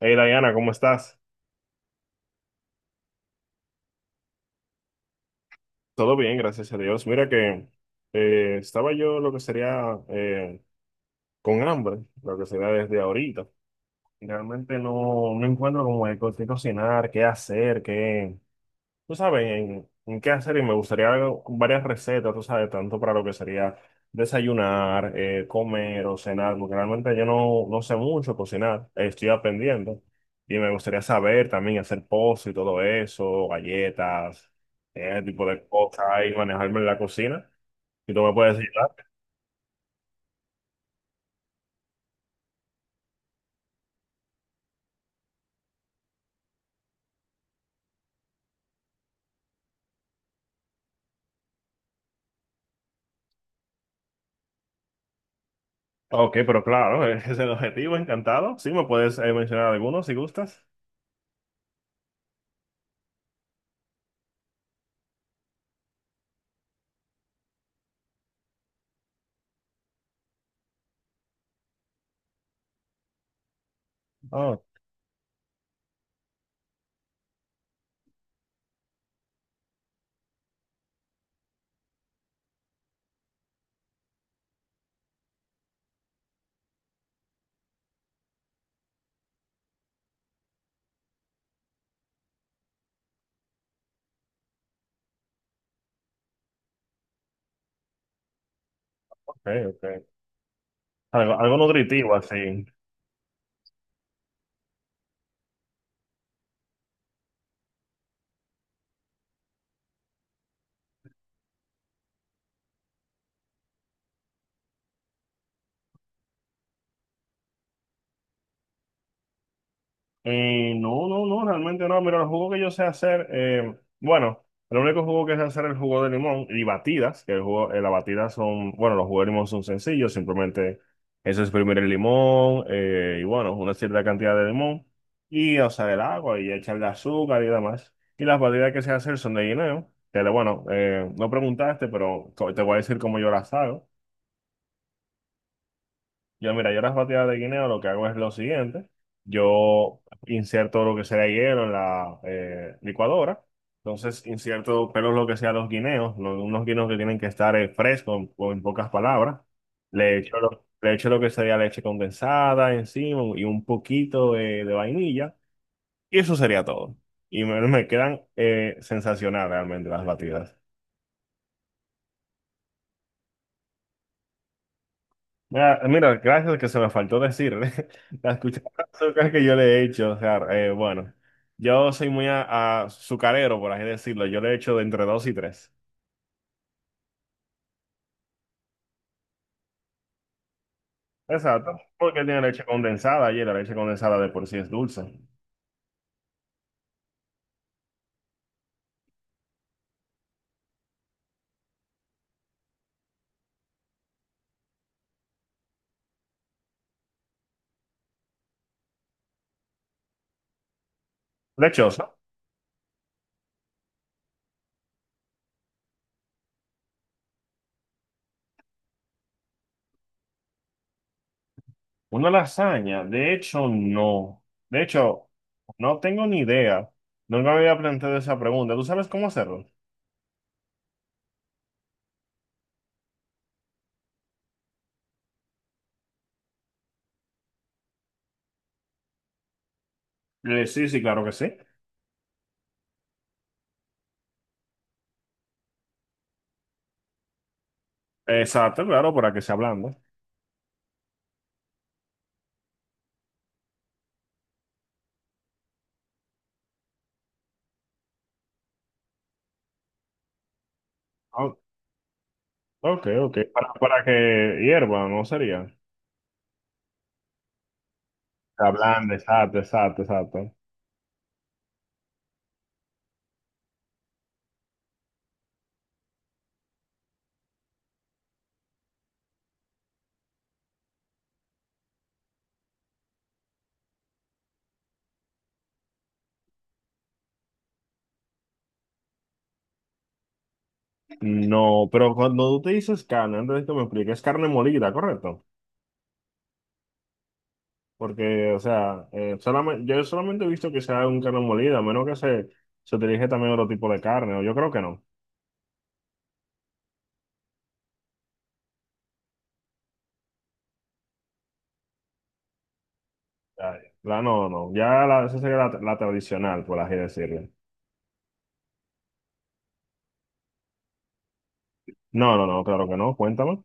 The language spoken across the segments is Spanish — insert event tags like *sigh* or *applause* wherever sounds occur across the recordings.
Hey Diana, ¿cómo estás? Todo bien, gracias a Dios. Mira que estaba yo lo que sería con hambre, lo que sería desde ahorita. Realmente no encuentro como qué cocinar, qué hacer, qué. Tú sabes, en qué hacer y me gustaría varias recetas, tú sabes, tanto para lo que sería desayunar, comer o cenar, porque realmente yo no sé mucho cocinar. Eh, estoy aprendiendo y me gustaría saber también hacer postres y todo eso, galletas, ese tipo de cosas y manejarme en la cocina. Si tú me puedes ayudar. Ok, pero claro, *laughs* ese es el objetivo, encantado. Sí, me puedes mencionar algunos si gustas. Ah, ok, ok. Algo nutritivo así. No, no, no, realmente no. Mira, el jugo que yo sé hacer, bueno, el único jugo que sé hacer es el jugo de limón y batidas, que el jugo, las batidas son, bueno, los jugos de limón son sencillos, simplemente eso es exprimir el limón, y bueno, una cierta cantidad de limón y, o sea, el agua y echarle azúcar y demás. Y las batidas que sé hacer son de guineo, que bueno, no preguntaste, pero te voy a decir cómo yo las hago. Yo, mira, yo las batidas de guineo lo que hago es lo siguiente. Yo inserto lo que sea hielo en la licuadora. Entonces inserto, pero lo que sea los guineos, unos guineos que tienen que estar frescos, o en pocas palabras. Le echo le echo lo que sería leche condensada encima y un poquito de vainilla. Y eso sería todo. Y me quedan sensacionales realmente las batidas. Ah, mira, gracias que se me faltó decir. *laughs* La cucharadas de azúcar que yo le he hecho, o sea, bueno, yo soy muy azucarero, por así decirlo. Yo le he hecho de entre dos y tres. Exacto, porque tiene leche condensada y la leche condensada de por sí es dulce. Lechosa. Una lasaña, de hecho, no. De hecho, no tengo ni idea. Nunca me había planteado esa pregunta. ¿Tú sabes cómo hacerlo? Sí, sí, claro que sí. Exacto, claro, para que se ablande. Ok, ok. Para que hierva, ¿no sería? La blanda, exacto, exacto, exacto. No, pero cuando tú te dices carne, antes de que me expliques, es carne molida, ¿correcto? Porque, o sea, yo solamente he visto que sea un carne molida, a menos que se utilice también otro tipo de carne, o yo creo que no. Ya, ya. No, no, esa sería la tradicional, por así decirlo. No, no, no, claro que no, cuéntame.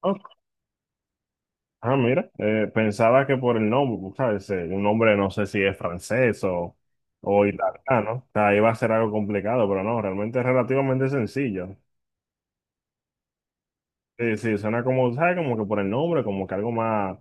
Ok. Ah, mira, pensaba que por el nombre, pues, ¿sabes? Un nombre no sé si es francés o italiano. ¿No? O sea, iba a ser algo complicado, pero no, realmente es relativamente sencillo. Sí, sí, suena como, ¿sabes? Como que por el nombre, como que algo más,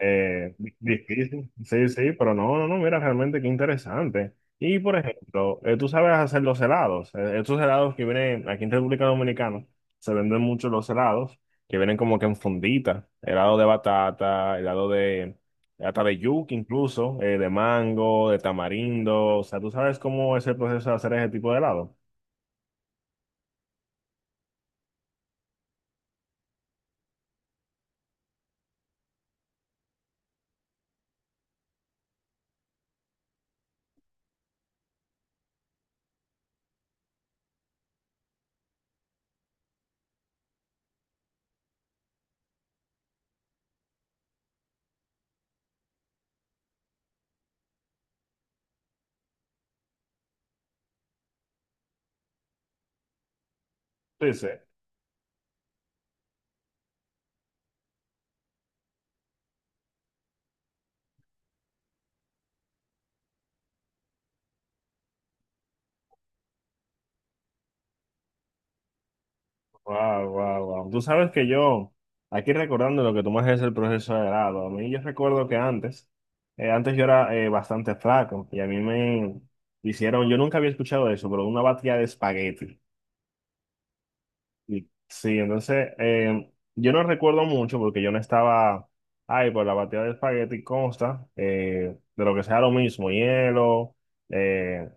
difícil, sí, sí, pero no, no, no, mira, realmente qué interesante. Y por ejemplo, tú sabes hacer los helados. Estos helados que vienen aquí en República Dominicana, se venden mucho los helados, que vienen como que en fundita, helado de batata, helado de, hasta de yuca incluso, de mango, de tamarindo. O sea, tú sabes cómo es el proceso de hacer ese tipo de helado. Sí, sí. Wow, wow, wow. Tú sabes que yo, aquí recordando lo que tú me haces el proceso de grado, a mí yo recuerdo que antes yo era bastante flaco y a mí me hicieron, yo nunca había escuchado eso, pero una batida de espagueti. Y sí, entonces yo no recuerdo mucho porque yo no estaba, ay, pues la batida de espagueti consta, de lo que sea lo mismo, hielo, eh,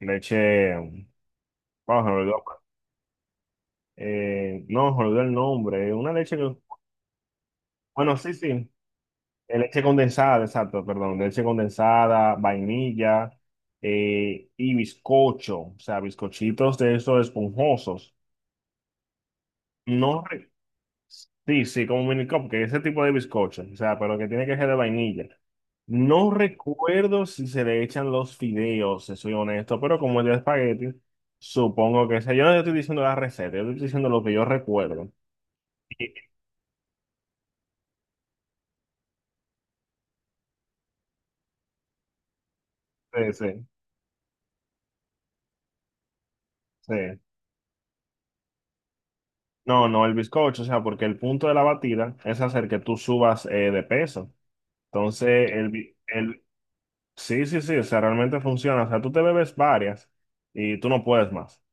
leche, vamos a olvidó, no, me olvidó el nombre, una leche que, bueno, sí, sí. De leche condensada, exacto, perdón, de leche condensada, vainilla, y bizcocho, o sea, bizcochitos de esos esponjosos. No, sí, sí, como mini que ese tipo de bizcocho, o sea, pero que tiene que ser de vainilla. No recuerdo si se le echan los fideos, si soy honesto, pero como es de espagueti, supongo que sea. Yo no estoy diciendo la receta, yo estoy diciendo lo que yo recuerdo. Sí, sí, sí. Sí. No, no, el bizcocho, o sea, porque el punto de la batida es hacer que tú subas, de peso. Entonces, sí, sí, sí, o sea, realmente funciona. O sea, tú te bebes varias y tú no puedes más.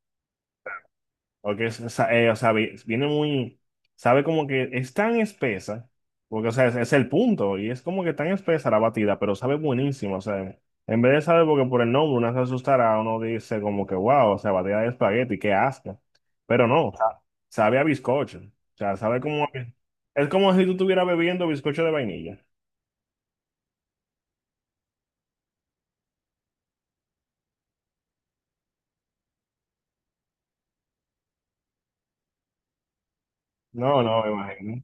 Porque, o sea, viene muy, sabe como que es tan espesa, porque, o sea, es el punto, y es como que tan espesa la batida, pero sabe buenísimo, o sea, en vez de saber porque por el nombre uno se asustará, uno dice como que, wow, o sea, batida de espagueti, qué asco, pero no, sabe a bizcocho, o sea, sabe como, es como si tú estuvieras bebiendo bizcocho de vainilla. No, no, me imagino.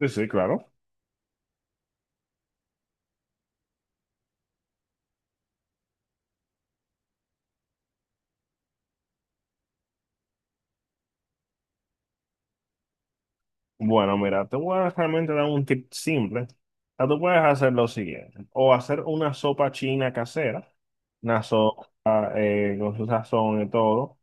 Sí, sí, claro. Bueno, mira, te voy a realmente dar un tip simple. O sea, tú puedes hacer lo siguiente, o hacer una sopa china casera, una sopa, con su sazón y todo,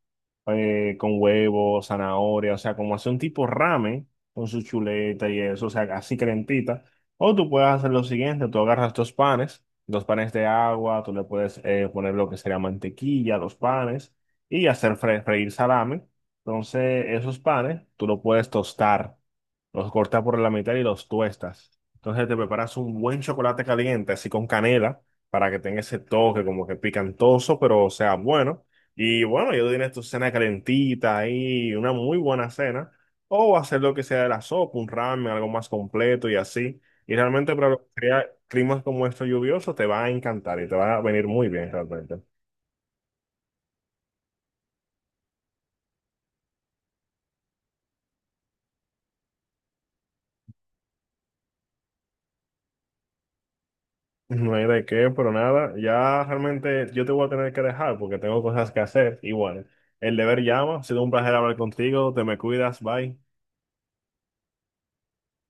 con huevo, zanahoria, o sea, como hacer un tipo ramen con su chuleta y eso, o sea, así calentita. O tú puedes hacer lo siguiente, tú agarras dos panes de agua, tú le puedes, poner lo que sería mantequilla a los panes y hacer freír salame. Entonces, esos panes tú lo puedes tostar, los cortas por la mitad y los tuestas. Entonces te preparas un buen chocolate caliente, así con canela, para que tenga ese toque como que picantoso, pero sea bueno. Y bueno, ya tú tienes tu cena calentita ahí, una muy buena cena. O hacer lo que sea de la sopa, un ramen, algo más completo y así. Y realmente para lo que sea climas como estos lluviosos te va a encantar y te va a venir muy bien realmente. No hay de qué, pero nada, ya realmente yo te voy a tener que dejar porque tengo cosas que hacer. Igual, el deber llama, ha sido un placer hablar contigo, te me cuidas, bye.